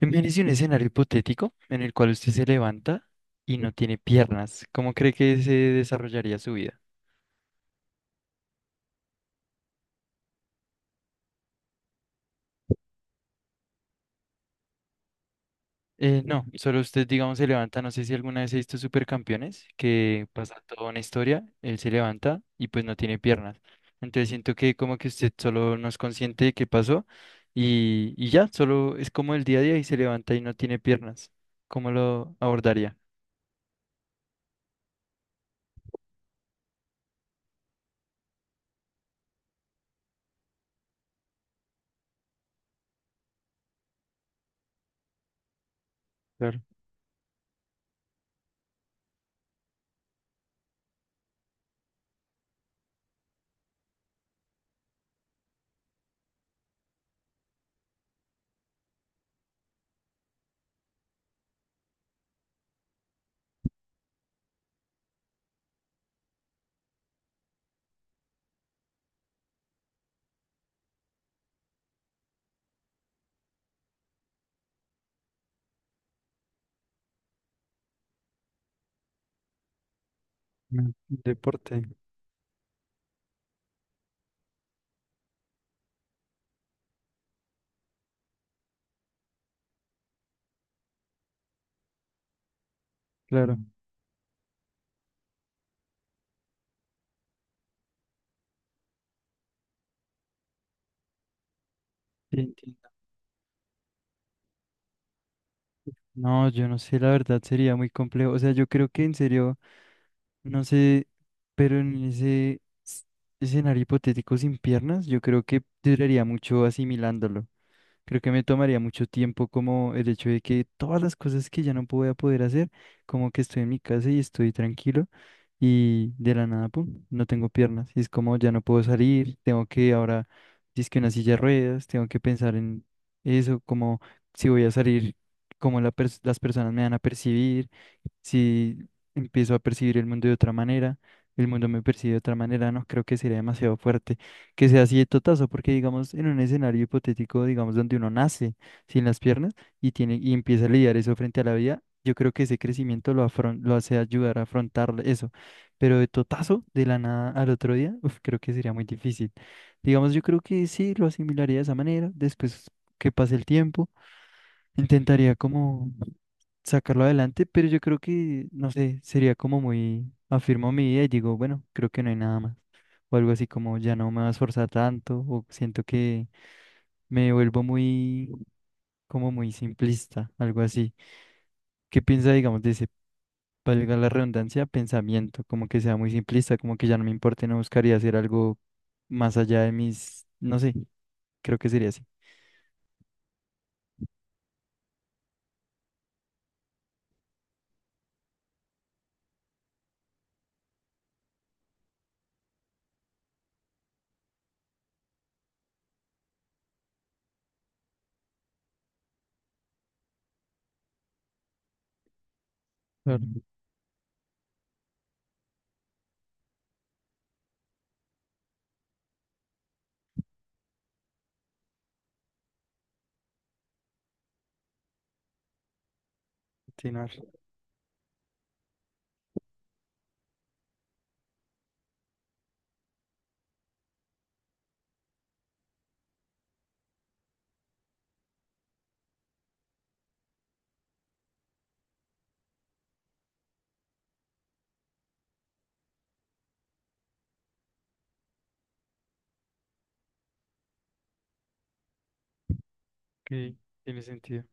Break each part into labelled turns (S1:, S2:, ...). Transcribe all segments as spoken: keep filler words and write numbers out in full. S1: Imagínese un escenario hipotético en el cual usted se levanta y no tiene piernas. ¿Cómo cree que se desarrollaría su vida? Eh, no, solo usted, digamos, se levanta. No sé si alguna vez he visto Supercampeones, que pasa toda una historia, él se levanta y pues no tiene piernas. Entonces siento que como que usted solo no es consciente de qué pasó y, y ya, solo es como el día a día y se levanta y no tiene piernas. ¿Cómo lo abordaría? Claro, un deporte, claro. Sí, entiendo. No, yo no sé, la verdad sería muy complejo. O sea, yo creo que en serio, no sé, pero en ese s- escenario hipotético sin piernas, yo creo que duraría mucho asimilándolo. Creo que me tomaría mucho tiempo como el hecho de que todas las cosas que ya no voy a poder hacer, como que estoy en mi casa y estoy tranquilo y de la nada, pum, no tengo piernas. Y es como ya no puedo salir, tengo que ahora, que una silla de ruedas, tengo que pensar en eso, como si voy a salir, como las personas me van a percibir, si empiezo a percibir el mundo de otra manera, el mundo me percibe de otra manera, no creo que sería demasiado fuerte que sea así de totazo, porque digamos en un escenario hipotético, digamos donde uno nace sin las piernas y tiene y empieza a lidiar eso frente a la vida, yo creo que ese crecimiento lo afron- lo hace ayudar a afrontar eso, pero de totazo, de la nada al otro día, uf, creo que sería muy difícil. Digamos, yo creo que sí lo asimilaría de esa manera, después que pase el tiempo. Intentaría como sacarlo adelante, pero yo creo que, no sé, sería como muy, afirmo mi idea y digo, bueno, creo que no hay nada más. O algo así como ya no me va a esforzar tanto, o siento que me vuelvo muy, como muy simplista, algo así. ¿Qué piensa, digamos, de ese, valga la redundancia, pensamiento? Como que sea muy simplista, como que ya no me importe, no buscaría hacer algo más allá de mis, no sé, creo que sería así. Claro, continuar, que tiene sentido.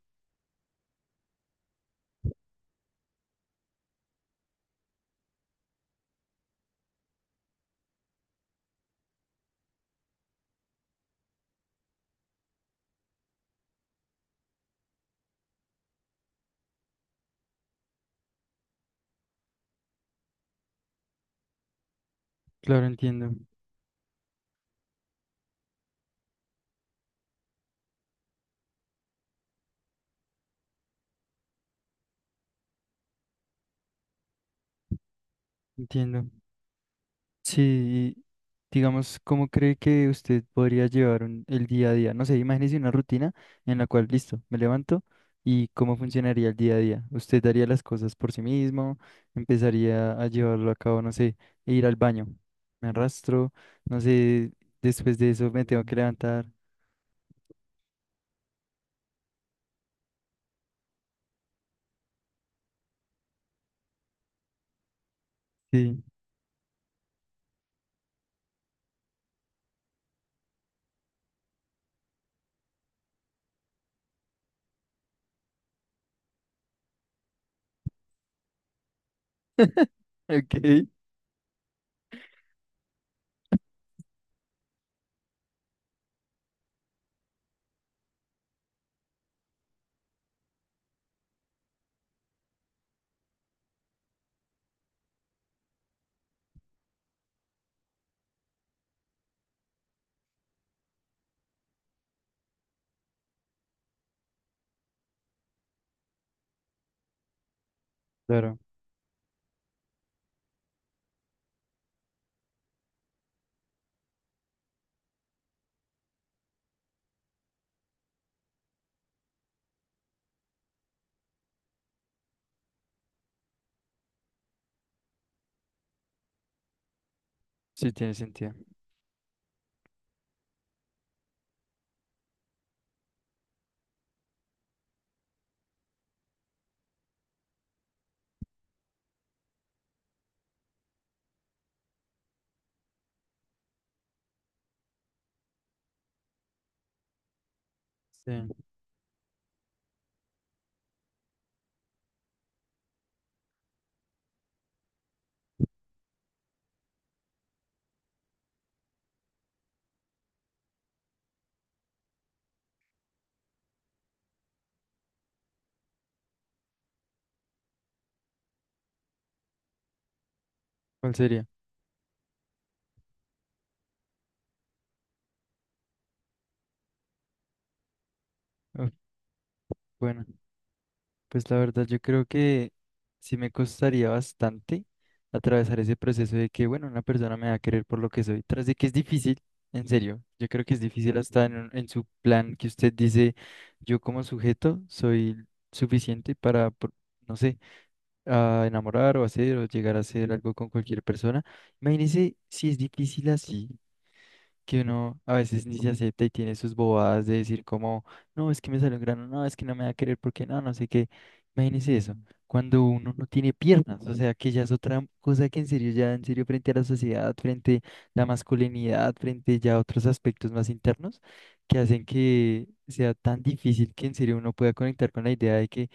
S1: Claro, entiendo, entiendo. Sí, y digamos, ¿cómo cree que usted podría llevar un- el día a día? No sé, imagínese una rutina en la cual, listo, me levanto y cómo funcionaría el día a día. ¿Usted daría las cosas por sí mismo? ¿Empezaría a llevarlo a cabo, no sé, e ir al baño? ¿Me arrastro? No sé, después de eso me tengo que levantar. Sí, ok. Claro, sí tiene sentido. Sí, ¿cuál sería? Uf, bueno. Pues la verdad, yo creo que sí me costaría bastante atravesar ese proceso de que, bueno, una persona me va a querer por lo que soy, tras de que es difícil, en serio, yo creo que es difícil hasta en, un- en su plan que usted dice, yo como sujeto soy suficiente para, por- no sé, a enamorar o hacer o llegar a hacer algo con cualquier persona. Imagínese si es difícil así, que uno a veces ni se acepta y tiene sus bobadas de decir como, no, es que me salió un grano, no, es que no me va a querer porque no, no sé qué. Imagínese eso, cuando uno no tiene piernas, o sea, que ya es otra cosa que en serio, ya en serio frente a la sociedad, frente a la masculinidad, frente ya a otros aspectos más internos, que hacen que sea tan difícil que en serio uno pueda conectar con la idea de que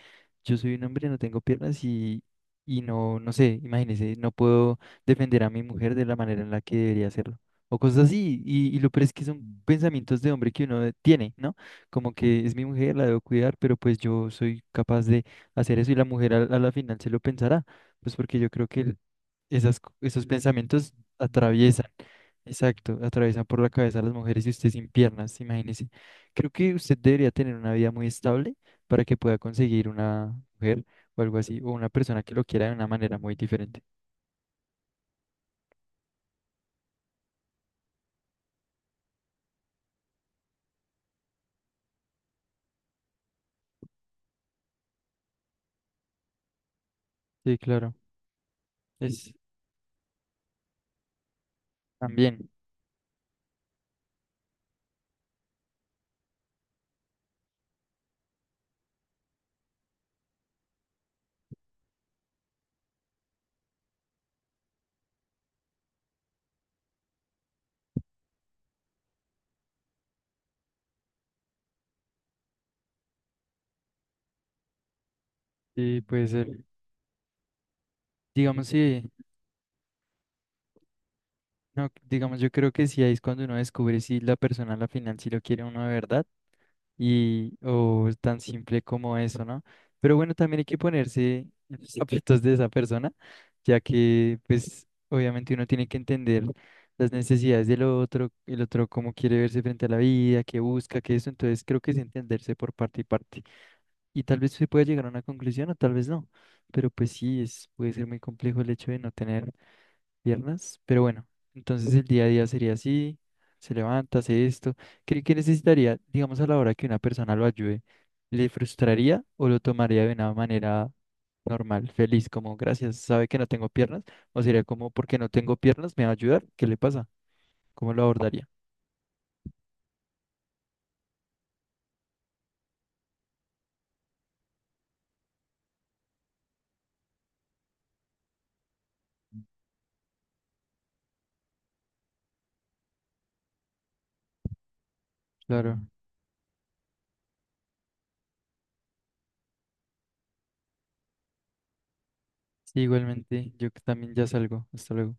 S1: yo soy un hombre, no tengo piernas y... Y no, no sé, imagínese, no puedo defender a mi mujer de la manera en la que debería hacerlo o cosas así. Y, y lo peor es que son pensamientos de hombre que uno tiene, ¿no? Como que es mi mujer, la debo cuidar, pero pues yo soy capaz de hacer eso y la mujer a, a la final se lo pensará, pues porque yo creo que el- esas, co- esos pensamientos atraviesan, exacto, atraviesan por la cabeza a las mujeres y usted sin piernas, imagínese. Creo que usted debería tener una vida muy estable para que pueda conseguir una mujer o algo así, o una persona que lo quiera de una manera muy diferente. Sí, claro. Es también, sí, puede ser. Digamos, sí, no, digamos, yo creo que sí ahí es cuando uno descubre si la persona a la final sí lo quiere uno de verdad y o es tan simple como eso, ¿no? Pero bueno, también hay que ponerse en los zapatos de esa persona, ya que pues obviamente uno tiene que entender las necesidades del otro, el otro cómo quiere verse frente a la vida, qué busca, qué eso, entonces creo que es entenderse por parte y parte. Y tal vez se pueda llegar a una conclusión o tal vez no, pero pues sí, es, puede ser muy complejo el hecho de no tener piernas, pero bueno, entonces el día a día sería así, se levanta, hace esto. ¿Qué, qué necesitaría, digamos, a la hora que una persona lo ayude? ¿Le frustraría o lo tomaría de una manera normal, feliz, como gracias, sabe que no tengo piernas? ¿O sería como porque no tengo piernas, me va a ayudar? ¿Qué le pasa? ¿Cómo lo abordaría? Claro, sí, igualmente, yo que también ya salgo, hasta luego.